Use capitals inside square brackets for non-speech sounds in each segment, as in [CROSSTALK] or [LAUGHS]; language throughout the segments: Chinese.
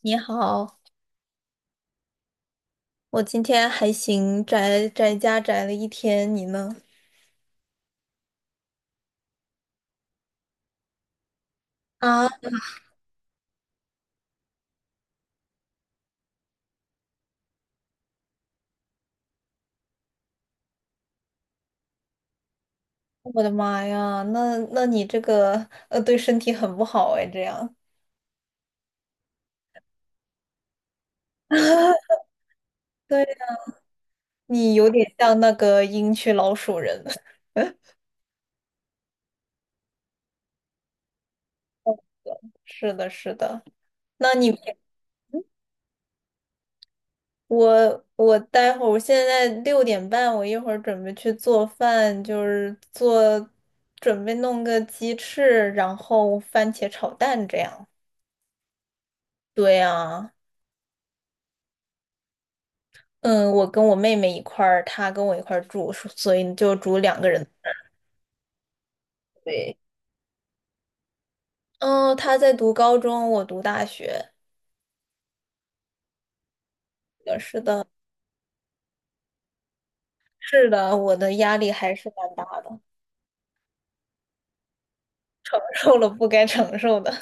你好，我今天还行，宅宅家宅了一天，你呢？啊，我的妈呀，那你这个对身体很不好哎，这样。[LAUGHS] 对，你有点像那个鹰区老鼠人。[LAUGHS] 是的，是的。那你平我待会儿，我现在6:30，我一会儿准备去做饭，就是做准备弄个鸡翅，然后番茄炒蛋这样。对呀。嗯，我跟我妹妹一块儿，她跟我一块儿住，所以就住两个人。对，嗯，她在读高中，我读大学。是的，是的，我的压力还是蛮大的。[LAUGHS] 承受了不该承受的。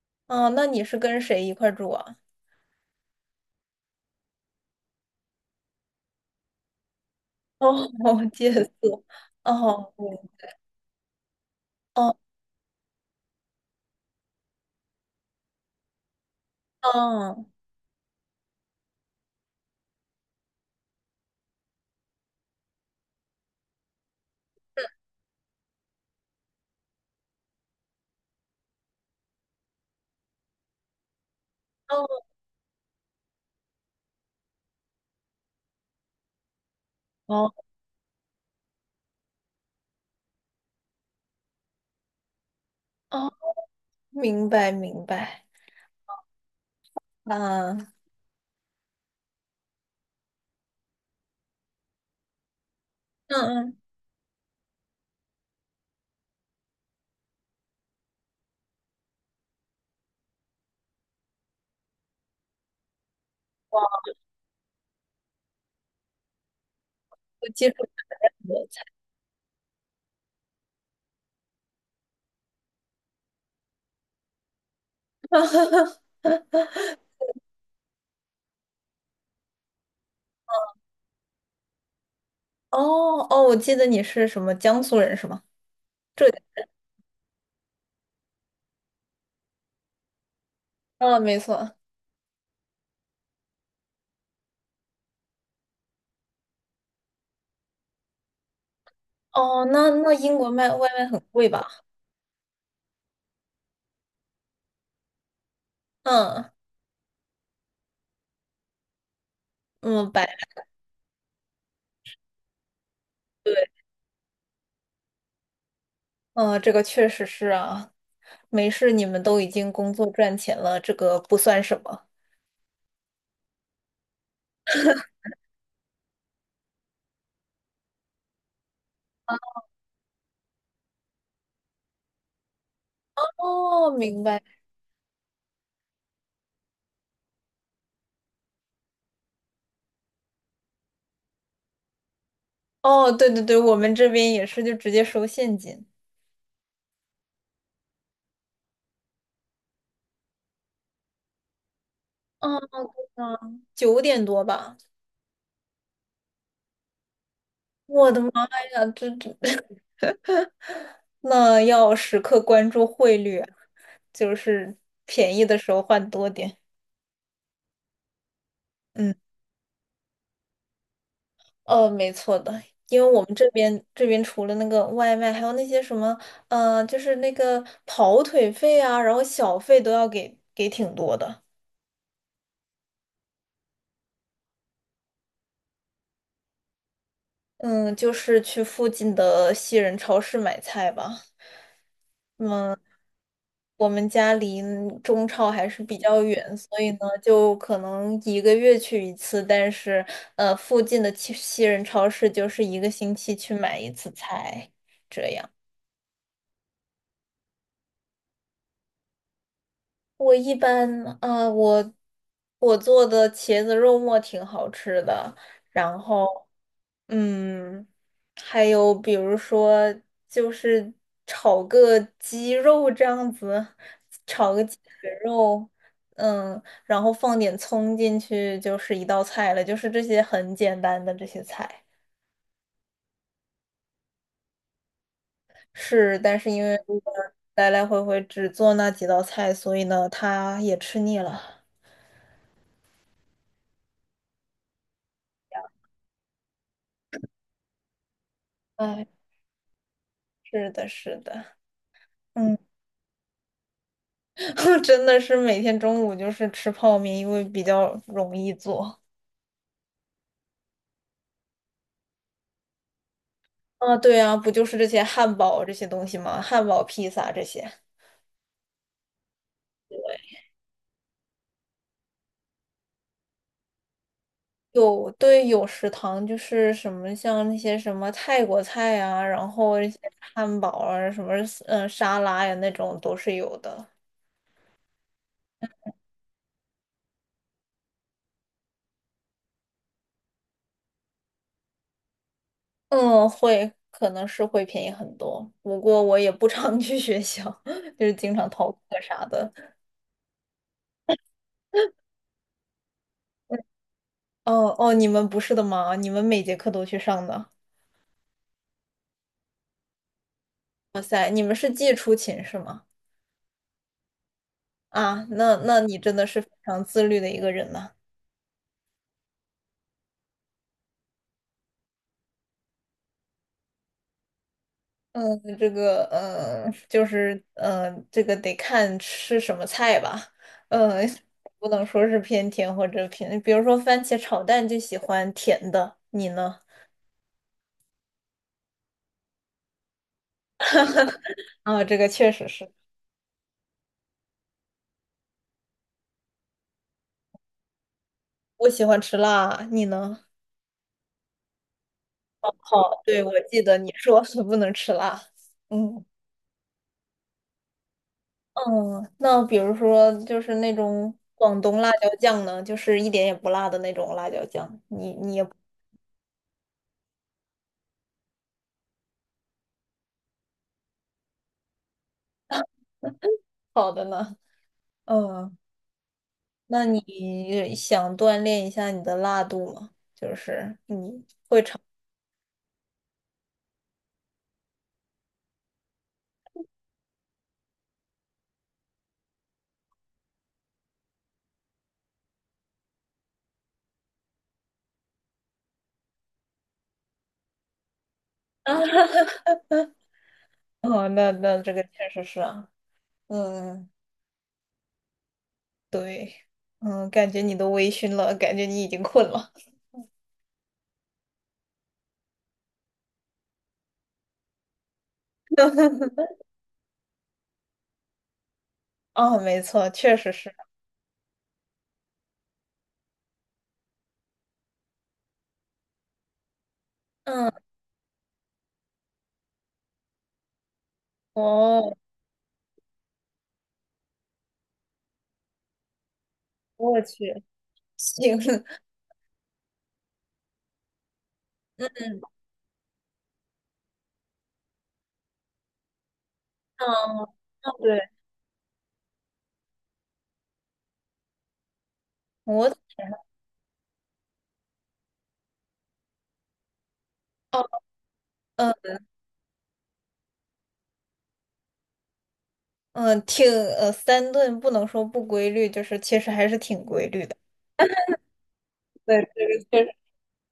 [LAUGHS] 哦，那你是跟谁一块儿住啊？哦，[LAUGHS] 借宿。哦，对，哦，哦，哦，哦，哦，明白，明白。啊，嗯嗯，我接触很多菜。哦哦，我记得你是什么江苏人是吗？浙江。啊，没错。哦，那英国卖外卖很贵吧？嗯嗯，对，嗯，这个确实是啊。没事，你们都已经工作赚钱了，这个不算什么。哦，明白。哦，对对对，我们这边也是，就直接收现金。嗯嗯，九点多吧。我的妈呀，这 [LAUGHS] 那要时刻关注汇率啊，就是便宜的时候换多点。嗯。没错的，因为我们这边除了那个外卖，还有那些什么，就是那个跑腿费啊，然后小费都要给挺多的。嗯，就是去附近的西人超市买菜吧。嗯，我们家离中超还是比较远，所以呢，就可能一个月去一次，但是附近的西人超市就是一个星期去买一次菜。这样。我一般啊、我我做的茄子肉末挺好吃的，然后嗯，还有比如说就是炒个鸡肉这样子，卷肉，然后放点葱进去就是一道菜了，就是这些很简单的这些菜。是，但是因为如果来来回回只做那几道菜，所以呢，他也吃腻了。哎，是的，是的。嗯。[LAUGHS] 真的是每天中午就是吃泡面，因为比较容易做。啊，对啊，不就是这些汉堡这些东西吗？汉堡、披萨这些。有，对，有食堂就是什么像那些什么泰国菜啊，然后一些汉堡啊，什么沙拉呀那种都是有的。嗯，会，可能是会便宜很多，不过我也不常 [LAUGHS] 去学校，[LAUGHS] 就是经常逃课啥的。哦哦，你们不是的吗？你们每节课都去上的？你们是寄出勤是吗？啊，那你真的是非常自律的一个人呐。嗯，这个，就是这个得看吃什么菜吧。嗯，不能说是偏甜或者偏，比如说番茄炒蛋就喜欢甜的，你呢？啊，这个确实是，我喜欢吃辣，你呢？好，对，我记得你说是 [LAUGHS] 不能吃辣。嗯嗯，那比如说就是那种广东辣椒酱呢，就是一点也不辣的那种辣椒酱，你也不 [LAUGHS] 好的呢。嗯，那你想锻炼一下你的辣度吗？就是你，[LAUGHS] 哦，那这个确实是啊，嗯，对，嗯，感觉你都微醺了，感觉你已经困了。啊，没错，确实是。嗯，哦，我去，行，[LAUGHS] 嗯，对，我哦，嗯嗯，三顿不能说不规律，就是其实还是挺规律的。对，这个确实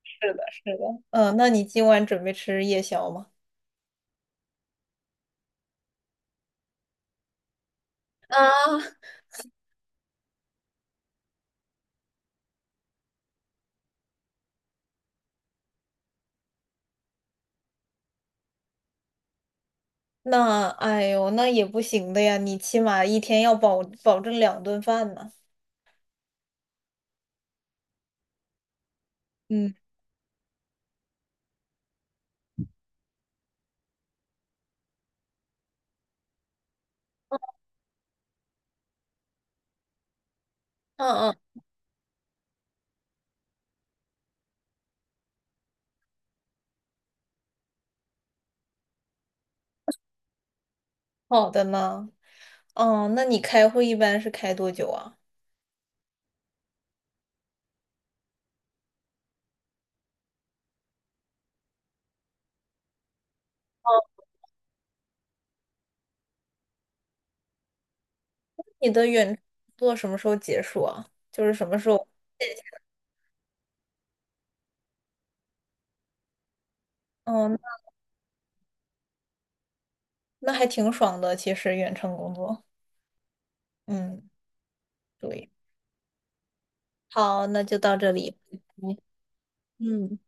是的，是的。嗯，那你今晚准备吃夜宵吗？啊，那哎呦，那也不行的呀，你起码一天要保证两顿饭呢。嗯，嗯嗯，好的呢。哦，那你开会一般是开多久啊？哦，你的远做什么时候结束啊？就是什么时候？哦，那还挺爽的，其实远程工作。嗯，对。好，那就到这里。嗯。